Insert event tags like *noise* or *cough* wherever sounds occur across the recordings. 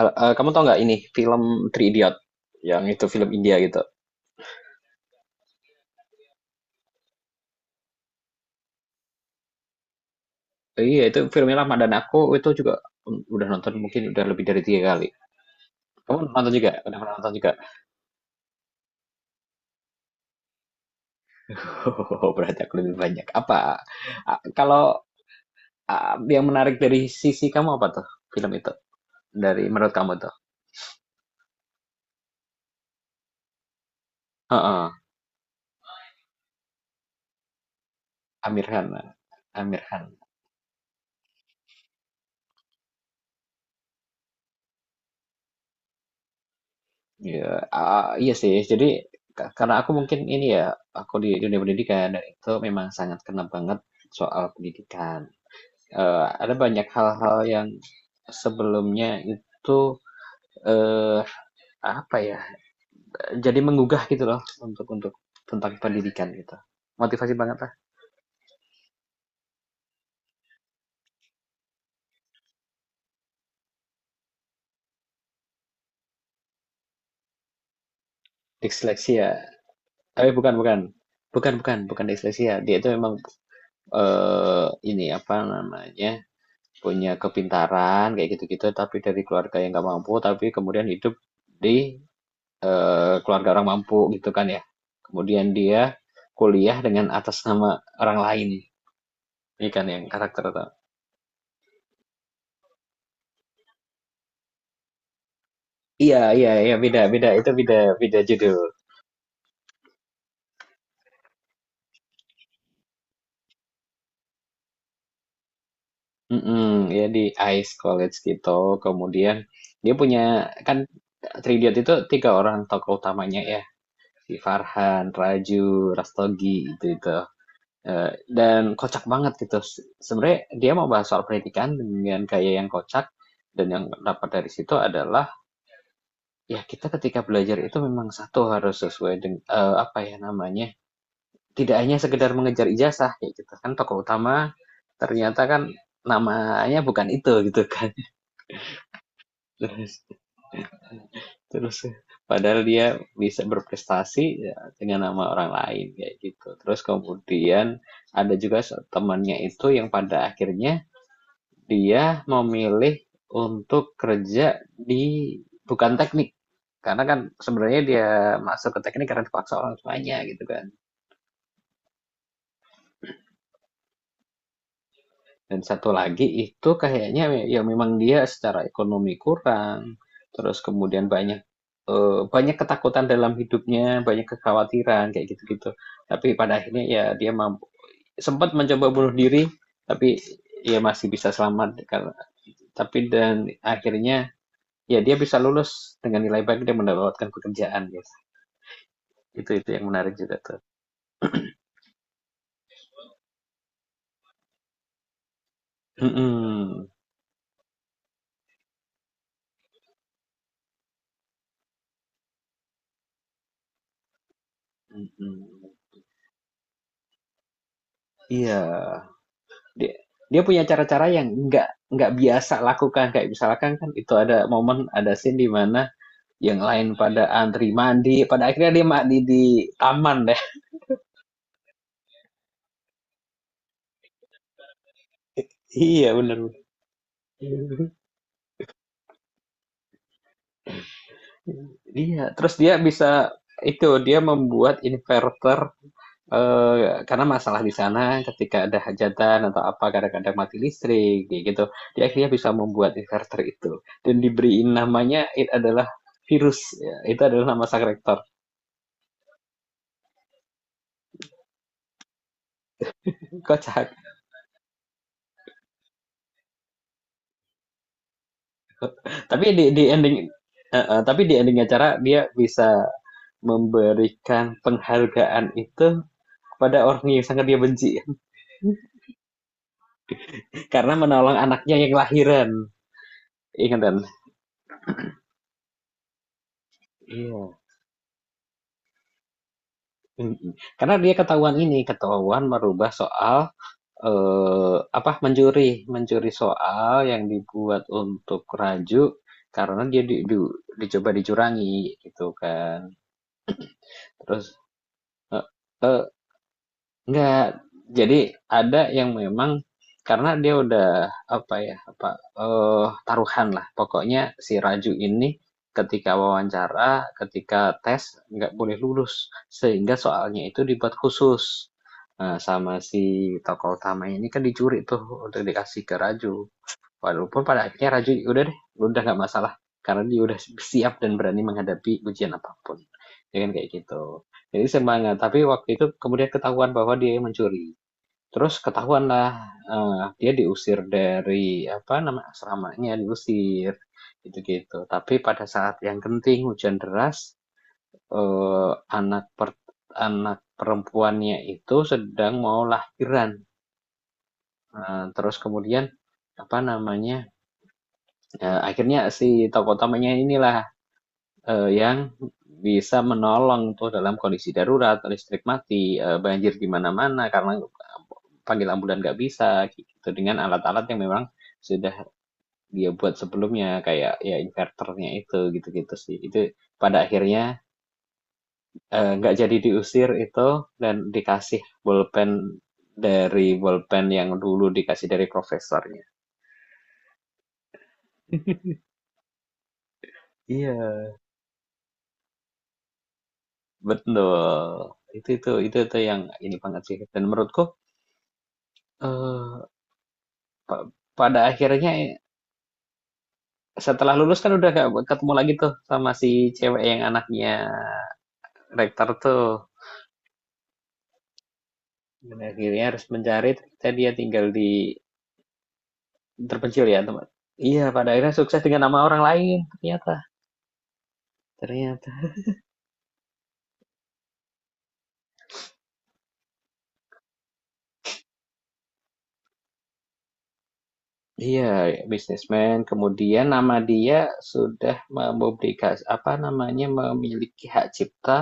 Kamu tau nggak ini film Three Idiot yang itu film India gitu. Iya, itu filmnya lama dan aku itu juga udah nonton mungkin udah lebih dari 3 kali. Kamu nonton juga? Udah pernah nonton juga? *laughs* Oh, berarti aku lebih banyak. Apa? ah, kalau yang menarik dari sisi kamu apa tuh film itu? Dari menurut kamu tuh? Heeh, Amir Khan. Amir Khan. Iya, iya sih. Jadi karena aku mungkin ini ya, aku di dunia pendidikan dan itu memang sangat kena banget soal pendidikan. Ada banyak hal-hal yang sebelumnya itu eh apa ya jadi menggugah gitu loh untuk tentang pendidikan gitu, motivasi banget lah. Disleksia. Tapi bukan bukan bukan bukan bukan disleksia, dia itu memang eh ini apa namanya punya kepintaran kayak gitu-gitu, tapi dari keluarga yang nggak mampu, tapi kemudian hidup di keluarga orang mampu gitu kan ya. Kemudian dia kuliah dengan atas nama orang lain. Ini kan yang karakter atau... Iya, iya, iya, beda, beda. Itu beda, beda judul. Mm-mm, ya di Ice College gitu. Kemudian dia punya, kan Tridiat itu tiga orang tokoh utamanya ya. Si Farhan, Raju, Rastogi gitu itu. Dan kocak banget gitu. Sebenarnya dia mau bahas soal pendidikan dengan gaya yang kocak, dan yang dapat dari situ adalah ya kita ketika belajar itu memang satu harus sesuai dengan apa ya namanya, tidak hanya sekedar mengejar ijazah ya gitu kan. Tokoh utama ternyata kan namanya bukan itu gitu kan. *laughs* terus terus padahal dia bisa berprestasi ya, dengan nama orang lain kayak gitu. Terus kemudian ada juga temannya itu yang pada akhirnya dia memilih untuk kerja di bukan teknik, karena kan sebenarnya dia masuk ke teknik karena dipaksa orang tuanya gitu kan. Dan satu lagi itu kayaknya ya memang dia secara ekonomi kurang, terus kemudian banyak ketakutan dalam hidupnya, banyak kekhawatiran, kayak gitu-gitu. Tapi pada akhirnya ya dia mampu, sempat mencoba bunuh diri, tapi ya masih bisa selamat karena tapi dan akhirnya ya dia bisa lulus dengan nilai baik dan mendapatkan pekerjaan, guys. Itu yang menarik juga tuh. Mhm, mhm, iya. Dia dia punya cara-cara yang nggak biasa lakukan, kayak misalkan kan itu ada momen, ada scene di mana yang lain pada antri mandi, pada akhirnya dia mandi di taman deh. *laughs* Iya, benar-benar. *laughs* Iya, terus dia bisa, itu dia membuat inverter karena masalah di sana ketika ada hajatan atau apa, kadang-kadang mati listrik kayak gitu. Dia akhirnya bisa membuat inverter itu, dan diberi namanya itu adalah virus ya. Itu adalah nama sang rektor kocak. Tapi di di ending heeh, tapi di ending acara dia bisa memberikan penghargaan itu kepada orang yang sangat dia benci. *laughs* Karena menolong anaknya yang lahiran. Ingat kan? Iya. Mm-mm. Karena dia ketahuan ini, ketahuan merubah soal, eh apa mencuri soal yang dibuat untuk Raju, karena dia dicoba dicurangi gitu kan. Terus. Eh, eh, Enggak, jadi ada yang memang, karena dia udah apa ya, apa, eh taruhan lah. Pokoknya si Raju ini ketika wawancara, ketika tes nggak boleh lulus, sehingga soalnya itu dibuat khusus. Nah, sama si tokoh utamanya ini kan dicuri tuh untuk dikasih ke Raju. Walaupun pada akhirnya Raju udah deh, udah nggak masalah karena dia udah siap dan berani menghadapi ujian apapun. Dengan kayak gitu. Jadi semangat. Tapi waktu itu kemudian ketahuan bahwa dia mencuri. Terus ketahuan lah, dia diusir, dari apa nama asramanya diusir gitu-gitu. Tapi pada saat yang genting hujan deras, eh, anak per- anak perempuannya itu sedang mau lahiran. Terus kemudian apa namanya akhirnya si tokoh utamanya inilah, yang bisa menolong tuh dalam kondisi darurat, listrik mati, banjir di mana-mana, karena panggil ambulan nggak bisa gitu, dengan alat-alat yang memang sudah dia buat sebelumnya, kayak ya inverternya itu, gitu-gitu sih. Itu pada akhirnya, nggak jadi diusir itu, dan dikasih bolpen, dari bolpen yang dulu dikasih dari profesornya. Iya. Betul. Itu yang ini banget sih. Dan menurutku, eh, pa- pada akhirnya setelah lulus, kan udah gak ketemu lagi tuh sama si cewek yang anaknya rektor tuh. Dan akhirnya harus mencari, ternyata dia tinggal di terpencil ya teman. Iya, pada akhirnya sukses dengan nama orang lain ternyata. Ternyata. Iya, bisnismen. Kemudian nama dia sudah memiliki hak cipta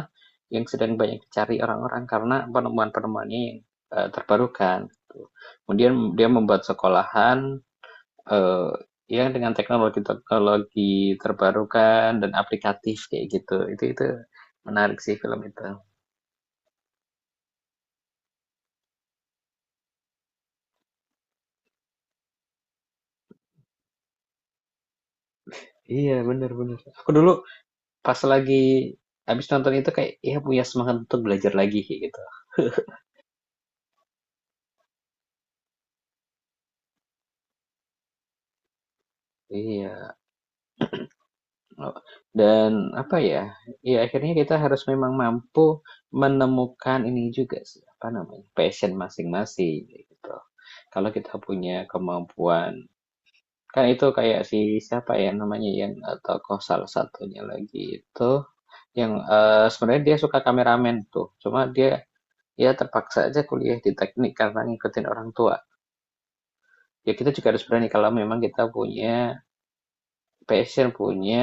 yang sedang banyak dicari orang-orang, karena penemuan-penemuannya yang terbarukan. Gitu. Kemudian dia membuat sekolahan, eh, yang dengan teknologi-teknologi terbarukan dan aplikatif kayak gitu. Itu menarik sih film itu. Iya, benar-benar. Aku dulu pas lagi habis nonton itu kayak ya punya semangat untuk belajar lagi kayak gitu. Iya. Oh, dan apa ya? Ya akhirnya kita harus memang mampu menemukan ini juga sih, apa namanya? Passion masing-masing kayak gitu. Kalau kita punya kemampuan, kan itu kayak si siapa ya namanya, yang tokoh salah satunya lagi itu, yang sebenarnya dia suka kameramen tuh. Cuma dia ya terpaksa aja kuliah di teknik karena ngikutin orang tua. Ya kita juga harus berani kalau memang kita punya passion, punya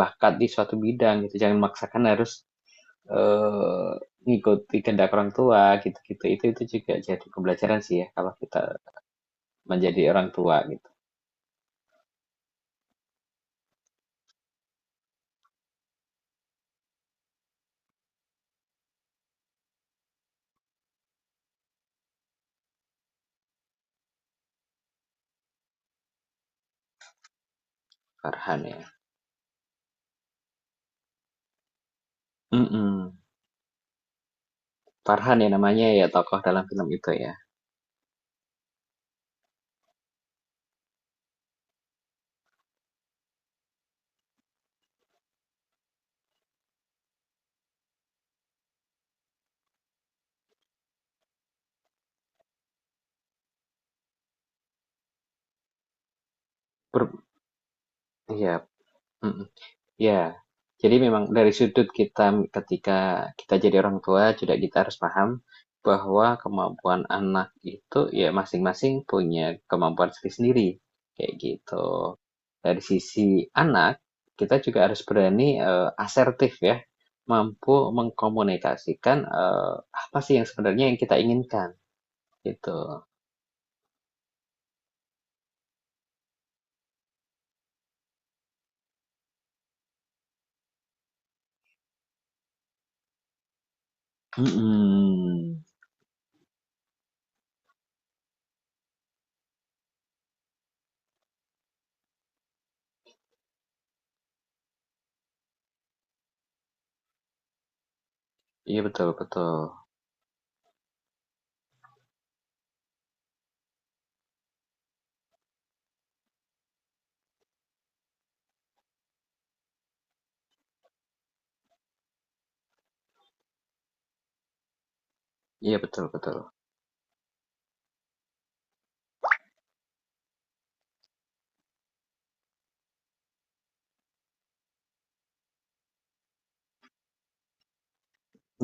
bakat di suatu bidang gitu. Jangan memaksakan harus eee, ngikuti kehendak orang tua gitu-gitu. Itu juga jadi pembelajaran sih ya kalau kita menjadi orang tua gitu. Farhan ya. Mhm, Farhan ya namanya ya, tokoh dalam film itu ya. Per iya, mhm. Ya, jadi memang dari sudut kita, ketika kita jadi orang tua juga kita harus paham bahwa kemampuan anak itu ya masing-masing punya kemampuan sendiri-sendiri, kayak gitu. Dari sisi anak, kita juga harus berani, asertif ya, mampu mengkomunikasikan apa sih yang sebenarnya yang kita inginkan, gitu. Mm-mm. Iya, betul betul. Iya, betul betul.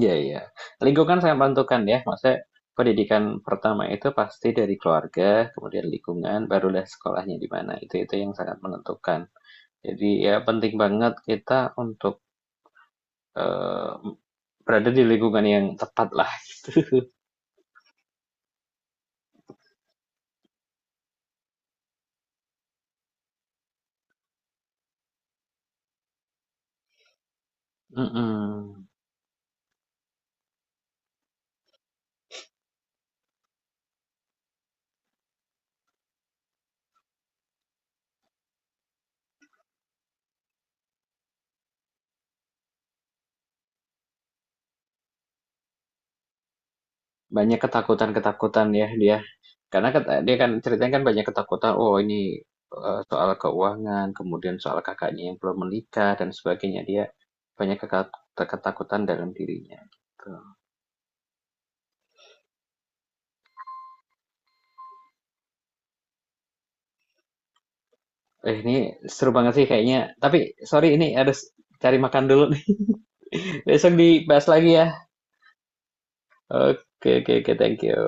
Iya, iya. Lingkungan sangat menentukan ya. Maksudnya pendidikan pertama itu pasti dari keluarga, kemudian lingkungan, barulah sekolahnya di mana. Itu yang sangat menentukan. Jadi ya penting banget kita untuk eh, berada di lingkungan yang tepat lah. *laughs* Mm-mm. Banyak ketakutan-ketakutan ya dia. Karena dia kan ceritanya kan banyak ketakutan. Oh ini, soal keuangan, kemudian soal kakaknya yang belum menikah dan sebagainya. Dia banyak ketakutan dalam dirinya. Gitu. Ini seru banget sih kayaknya. Tapi sorry, ini harus cari makan dulu nih. *laughs* Besok dibahas lagi ya. Oke, oke, oke, thank you.